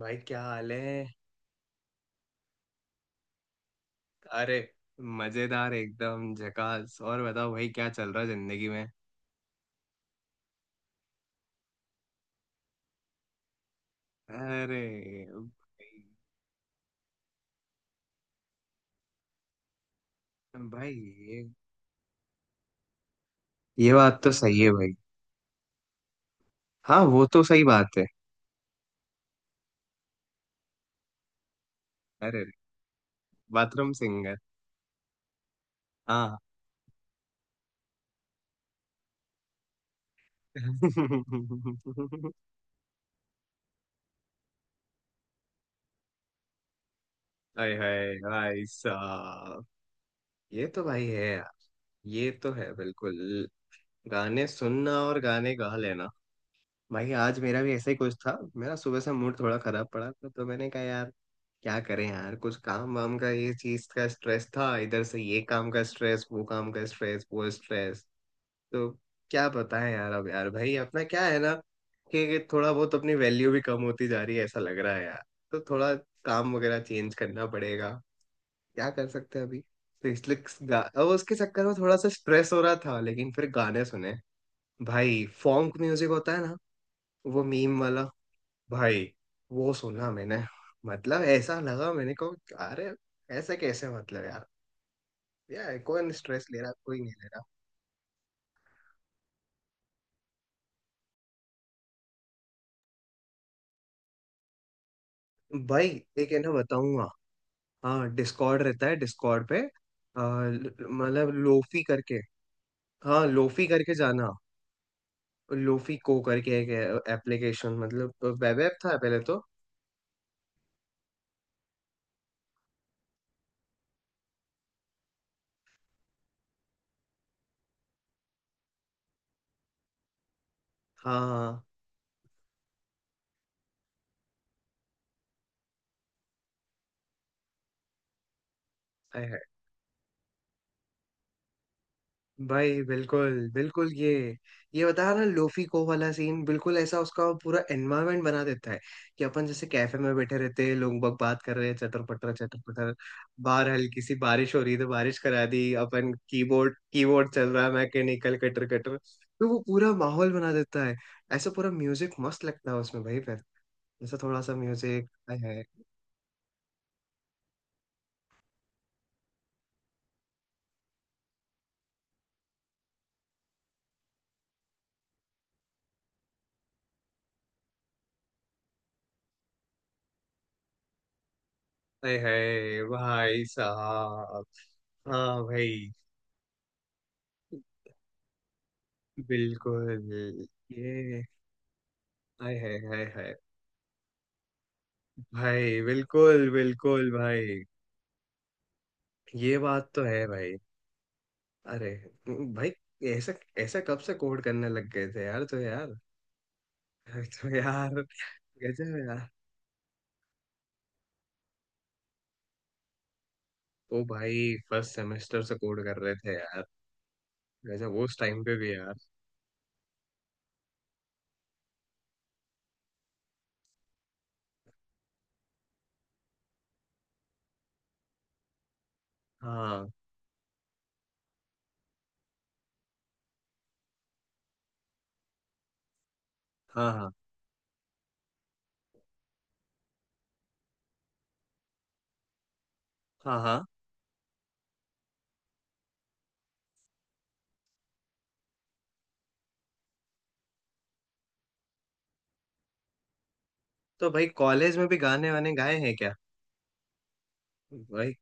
भाई क्या हाल है। अरे मजेदार एकदम झकास। और बताओ भाई क्या चल रहा है जिंदगी में। अरे भाई, भाई ये ये बात तो सही है भाई। हाँ वो तो सही बात है। अरे बाथरूम सिंगर। हाँ हाय हाय भाई साहब, ये तो भाई है यार। ये तो है बिल्कुल। गाने सुनना और गाने गा लेना। भाई आज मेरा भी ऐसा ही कुछ था। मेरा सुबह से मूड थोड़ा खराब पड़ा था तो मैंने कहा यार क्या करें यार, कुछ काम वाम का, ये चीज का स्ट्रेस था, इधर से ये काम का स्ट्रेस, वो काम का स्ट्रेस, वो स्ट्रेस। तो क्या बताएं यार, अब यार भाई अपना क्या है ना कि थोड़ा बहुत अपनी वैल्यू भी कम होती जा रही है, ऐसा लग रहा है यार। तो थोड़ा काम वगैरह चेंज करना पड़ेगा, क्या कर सकते हैं अभी। तो इसलिए अब उसके चक्कर में थोड़ा सा स्ट्रेस हो रहा था, लेकिन फिर गाने सुने। भाई फॉन्क म्यूजिक होता है ना, वो मीम वाला। भाई वो सुना मैंने, मतलब ऐसा लगा मैंने को, अरे ऐसे कैसे, मतलब यार, यार कोई स्ट्रेस ले रहा कोई नहीं ले रहा। भाई एक है ना, बताऊंगा। हाँ डिस्कॉर्ड रहता है, डिस्कॉर्ड पे। आ, मतलब लोफी करके। हाँ लोफी करके जाना, लोफी को करके एक एप्लीकेशन, मतलब वेब ऐप था पहले तो। हाँ भाई बिल्कुल बिल्कुल, ये बता ना लोफी को वाला सीन, बिल्कुल ऐसा उसका पूरा एनवायरनमेंट बना देता है कि अपन जैसे कैफे में बैठे रहते हैं, लोग बग बात कर रहे हैं, चटर पटर चटर पटर। बाहर हल्की सी बारिश हो रही है तो बारिश करा दी अपन, कीबोर्ड कीबोर्ड चल रहा है मैकेनिकल कटर कटर। तो वो पूरा माहौल बना देता है। ऐसा पूरा म्यूजिक मस्त लगता है उसमें भाई, फिर जैसा थोड़ा सा म्यूजिक, हाय हाय हाय हाय, भाई साहब। हाँ भाई बिल्कुल, ये हाय हाय हाय हाय भाई, बिल्कुल बिल्कुल भाई, ये बात तो है भाई। अरे भाई ऐसा ऐसा कब से कोड करने लग गए थे यार, तो यार, तो यार गजब यार। ओ भाई फर्स्ट सेमेस्टर से कोड कर रहे थे यार, गजब उस टाइम पे भी यार। हाँ हाँ हाँ हाँ हाँ। तो भाई कॉलेज में भी गाने वाने गाए हैं क्या? भाई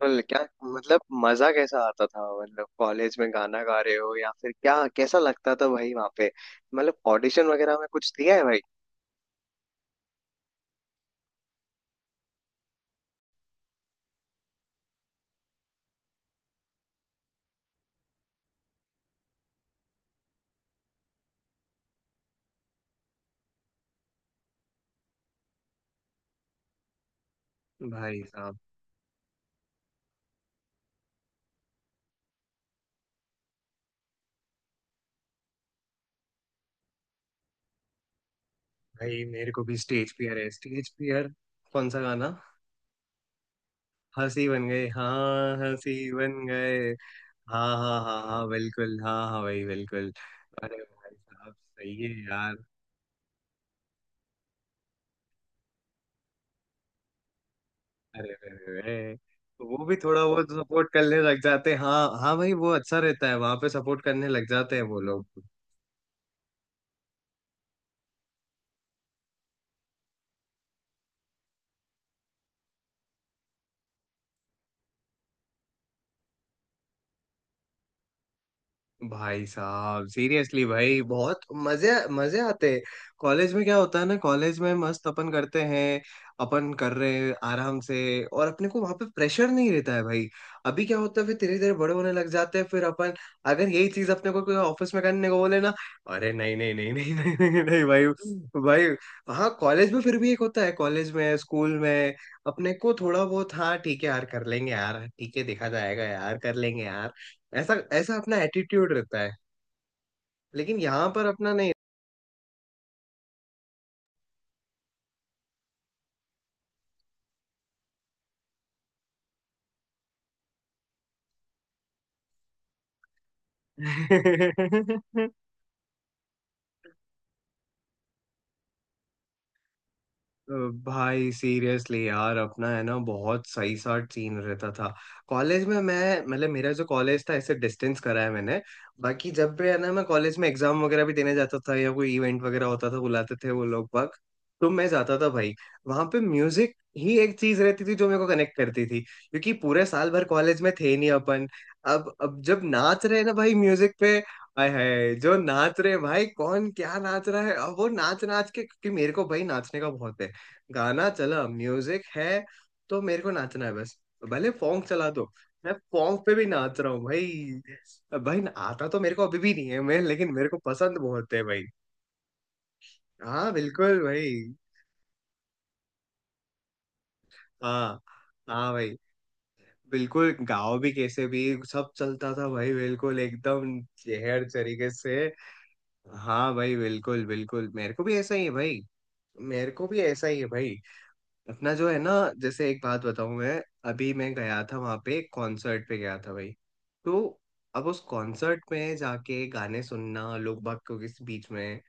बिल्कुल, क्या मतलब मजा कैसा आता था, मतलब कॉलेज में गाना गा रहे हो या फिर क्या, कैसा लगता था भाई वहां पे? मतलब ऑडिशन वगैरह में कुछ दिया है भाई? भाई साहब, भाई मेरे को भी स्टेज फियर है, स्टेज फियर। कौन सा गाना? हंसी बन गए, हाँ हंसी बन गए। हाँ हाँ हाँ हाँ बिल्कुल, हाँ हाँ भाई बिल्कुल। अरे भाई साहब सही है यार, अरे अरे अरे, वो भी थोड़ा बहुत सपोर्ट करने लग जाते हैं, हाँ हाँ भाई वो अच्छा रहता है वहां पे, सपोर्ट करने लग जाते हैं वो लोग। भाई साहब सीरियसली भाई बहुत मजे मजे आते हैं। कॉलेज में क्या होता है ना, कॉलेज में मस्त अपन करते हैं, अपन कर रहे हैं आराम से, और अपने को वहां पे प्रेशर नहीं रहता है भाई। अभी क्या होता है, फिर धीरे धीरे बड़े होने लग जाते हैं फिर अपन, अगर यही चीज अपने को कोई ऑफिस में करने को बोले ना, अरे नहीं नहीं नहीं नहीं नहीं नहीं, नहीं भाई भाई। हाँ कॉलेज में फिर भी एक होता है, कॉलेज में स्कूल में अपने को थोड़ा बहुत, हाँ ठीक है यार कर लेंगे यार, ठीक है देखा जाएगा यार, कर लेंगे। ऐसा ऐसा अपना एटीट्यूड रहता है, लेकिन यहाँ पर अपना नहीं। अ, भाई सीरियसली यार, अपना है ना बहुत सही सा सीन रहता था कॉलेज में। मैं मतलब मेरा जो कॉलेज था, ऐसे डिस्टेंस करा है मैंने। बाकी जब भी है ना, मैं कॉलेज में एग्जाम वगैरह भी देने जाता था, या कोई इवेंट वगैरह होता था, बुलाते थे वो लोग बाग तो मैं जाता था भाई। वहां पे म्यूजिक ही एक चीज रहती थी जो मेरे को कनेक्ट करती थी, क्योंकि पूरे साल भर कॉलेज में थे नहीं अपन। अब जब नाच रहे हैं ना भाई म्यूजिक पे, हाय हाय जो नाच रहे हैं भाई, कौन क्या नाच रहा है, अब वो नाच नाच के, क्योंकि मेरे को भाई नाचने का बहुत है। गाना चला, म्यूजिक है, तो मेरे को नाचना है बस। भले फोंक चला दो, मैं फोंक पे भी नाच रहा हूँ भाई। भाई आता तो मेरे को अभी भी नहीं है मैं, लेकिन मेरे को पसंद बहुत है भाई। हाँ बिल्कुल भाई। हाँ हाँ भाई बिल्कुल, गाओ भी कैसे भी, सब चलता था भाई बिल्कुल एकदम जहर तरीके से। हाँ भाई बिल्कुल बिल्कुल, मेरे को भी ऐसा ही है भाई, मेरे को भी ऐसा ही है भाई। अपना जो है ना, जैसे एक बात बताऊं मैं, अभी मैं गया था वहां पे, कॉन्सर्ट पे गया था भाई। तो अब उस कॉन्सर्ट में जाके गाने सुनना, लोग बाग के किस बीच में,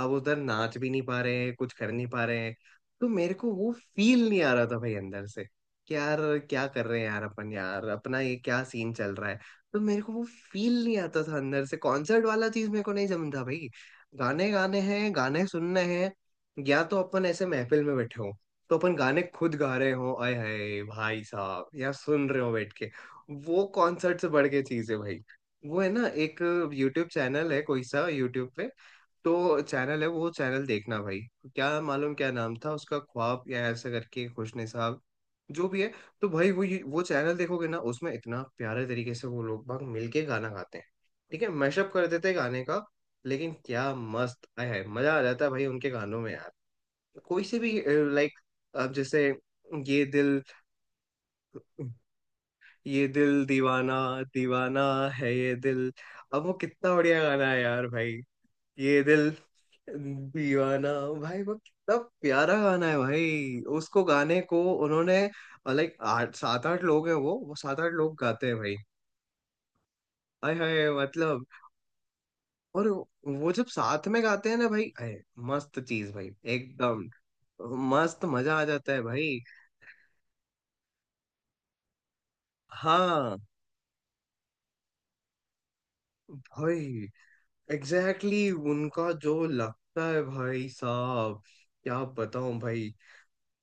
अब उधर नाच भी नहीं पा रहे हैं, कुछ कर नहीं पा रहे हैं। तो मेरे को वो फील नहीं आ रहा था भाई अंदर से कि यार क्या कर रहे हैं यार अपन, यार अपना ये क्या सीन चल रहा है। तो मेरे को वो फील नहीं आता था अंदर से, कॉन्सर्ट वाला चीज मेरे को नहीं जमता भाई। गाने गाने हैं, गाने सुनने हैं, या तो अपन ऐसे महफिल में बैठे हो, तो अपन गाने खुद गा रहे हो, आय हाय भाई साहब, या सुन रहे हो बैठ के, वो कॉन्सर्ट से बढ़ के चीज है भाई। वो है ना एक यूट्यूब चैनल है, कोई सा यूट्यूब पे तो चैनल है, वो चैनल देखना भाई। क्या मालूम क्या नाम था उसका, ख्वाब या ऐसा करके, खुशने साहब, जो भी है। तो भाई वो चैनल देखोगे ना, उसमें इतना प्यारे तरीके से वो लोग भाग मिलके गाना गाते हैं। ठीक है मैशअप कर देते हैं गाने का, लेकिन क्या मस्त, आय हाय मजा आ जाता है भाई उनके गानों में यार, कोई से भी। लाइक अब जैसे ये दिल, ये दिल दीवाना, दीवाना है ये दिल, अब वो कितना बढ़िया गाना है यार भाई। ये दिल दीवाना, भाई वो कितना प्यारा गाना है भाई। उसको गाने को उन्होंने, लाइक आठ सात आठ लोग हैं, वो सात आठ लोग गाते हैं भाई। हाय हाय मतलब, और वो जब साथ में गाते हैं ना भाई, आए, मस्त चीज भाई एकदम, मस्त मजा आ जाता है भाई। हाँ भाई एग्जैक्टली exactly, उनका जो लगता है भाई साहब, क्या बताऊं भाई।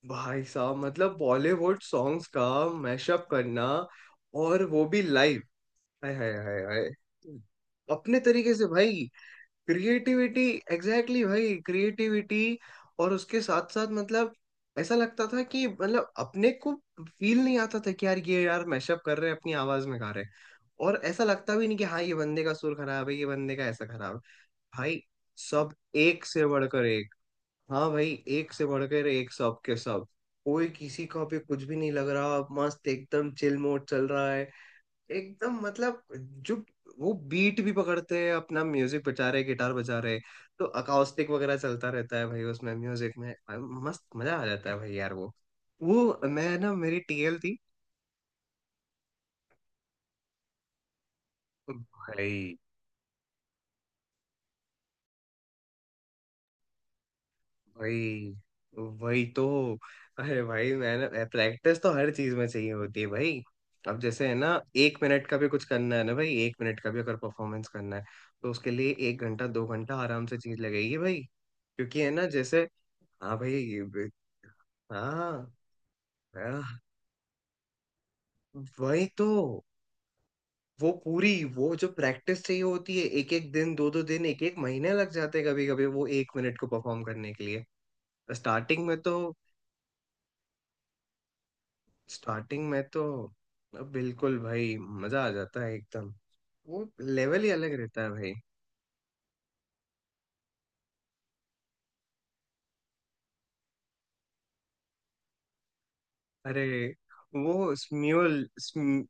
भाई साहब मतलब बॉलीवुड सॉन्ग्स का मैशअप करना, और वो भी लाइव, हाय हाय हाय हाय। अपने तरीके से भाई क्रिएटिविटी, एग्जैक्टली exactly भाई क्रिएटिविटी। और उसके साथ साथ मतलब ऐसा लगता था कि, मतलब अपने को फील नहीं आता था कि यार ये यार मैशअप कर रहे हैं, अपनी आवाज में गा रहे हैं, और ऐसा लगता भी नहीं कि हाँ ये बंदे का सुर खराब है, ये बंदे का ऐसा खराब है। भाई सब एक से बढ़कर एक, हाँ भाई एक से बढ़कर एक सब के सब, कोई किसी का भी कुछ भी नहीं लग रहा, मस्त एकदम चिल मोड चल रहा है एकदम, मतलब जो वो बीट भी पकड़ते हैं, अपना म्यूजिक बजा रहे, गिटार बजा रहे। तो अकाउस्टिक वगैरह चलता रहता है भाई उसमें म्यूजिक में, मस्त मजा आ जाता है भाई यार वो। वो मैं ना मेरी टीएल थी भाई, वही वही तो। अरे भाई मैंने प्रैक्टिस तो हर चीज में चाहिए होती है भाई। अब जैसे है ना एक मिनट का भी कुछ करना है ना भाई, एक मिनट का भी अगर परफॉर्मेंस करना है, तो उसके लिए एक घंटा दो घंटा आराम से चीज लगेगी भाई। क्योंकि है ना जैसे, हाँ भाई ये- हाँ हाँ, वही तो, वो पूरी, वो जो प्रैक्टिस चाहिए होती है, एक एक दिन दो दो दिन, एक एक महीने लग जाते हैं कभी कभी, वो एक मिनट को परफॉर्म करने के लिए। स्टार्टिंग में तो, स्टार्टिंग में तो बिल्कुल भाई मजा आ जाता है एकदम, वो लेवल ही अलग रहता है भाई। अरे वो स्म्यूल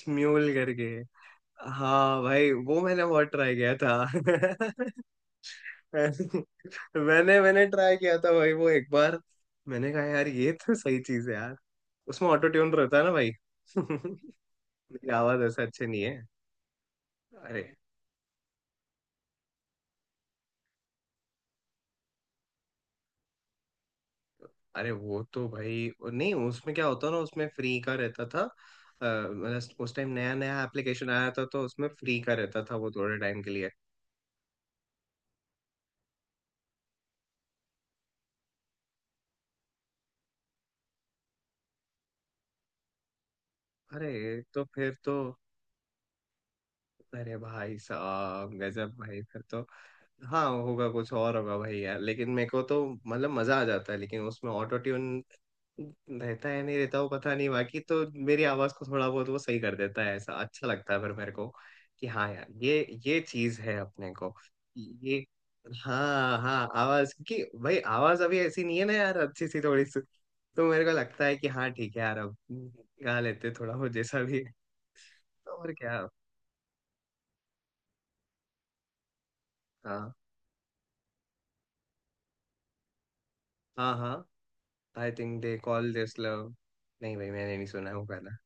स्म्यूल करके। हाँ भाई वो मैंने बहुत ट्राई किया था। मैंने मैंने ट्राई किया था भाई वो एक बार, मैंने कहा यार ये तो सही चीज है यार, उसमें ऑटो ट्यून रहता है ना भाई। मेरी आवाज ऐसा अच्छी नहीं है। अरे, अरे वो तो भाई नहीं, उसमें क्या होता ना, उसमें फ्री का रहता था। मतलब उस टाइम नया नया एप्लीकेशन आया था, तो उसमें फ्री का रहता था वो थोड़े टाइम के लिए। अरे तो फिर तो, अरे भाई साहब गजब भाई फिर तो। हाँ होगा कुछ और होगा भाई यार, लेकिन मेरे को तो मतलब मजा आ जाता है, लेकिन उसमें ऑटो ट्यून रहता है नहीं रहता वो पता नहीं, बाकी तो मेरी आवाज को थोड़ा बहुत वो सही कर देता है, ऐसा अच्छा लगता है फिर मेरे को, कि हाँ यार ये चीज है अपने को, ये, हाँ हाँ आवाज की, भाई आवाज अभी ऐसी नहीं है ना यार, अच्छी सी थोड़ी सी। तो मेरे को लगता है कि हाँ ठीक है यार, अब गा लेते थोड़ा बहुत जैसा भी है, तो और क्या। हाँ हाँ हाँ, I think they call this love. नहीं भाई मैंने नहीं सुना है वो गाना।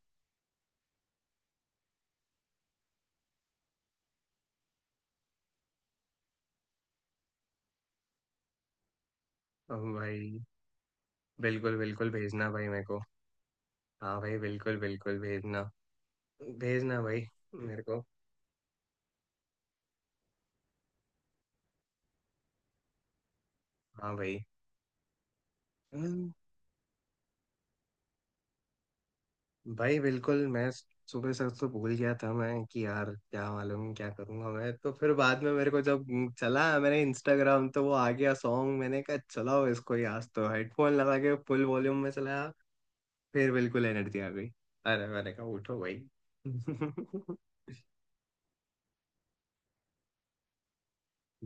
अब भाई बिल्कुल बिल्कुल भेजना भाई मेरे को, हाँ भाई बिल्कुल बिल्कुल भेजना, भेजना भाई मेरे को। हाँ भाई हम्म, भाई बिल्कुल मैं सुबह सच तो भूल गया था मैं, कि यार क्या मालूम क्या करूंगा मैं, तो फिर बाद में मेरे को जब चला मैंने इंस्टाग्राम, तो वो आ गया सॉन्ग, मैंने कहा चलाओ इसको ही आज, तो हेडफोन लगा के फुल वॉल्यूम में चलाया, फिर बिल्कुल एनर्जी आ गई। अरे मैंने कहा उठो भाई।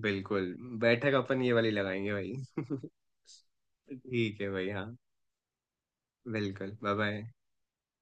बिल्कुल, बैठक अपन ये वाली लगाएंगे भाई। ठीक है भाई, हाँ बिल्कुल, बाय बाय।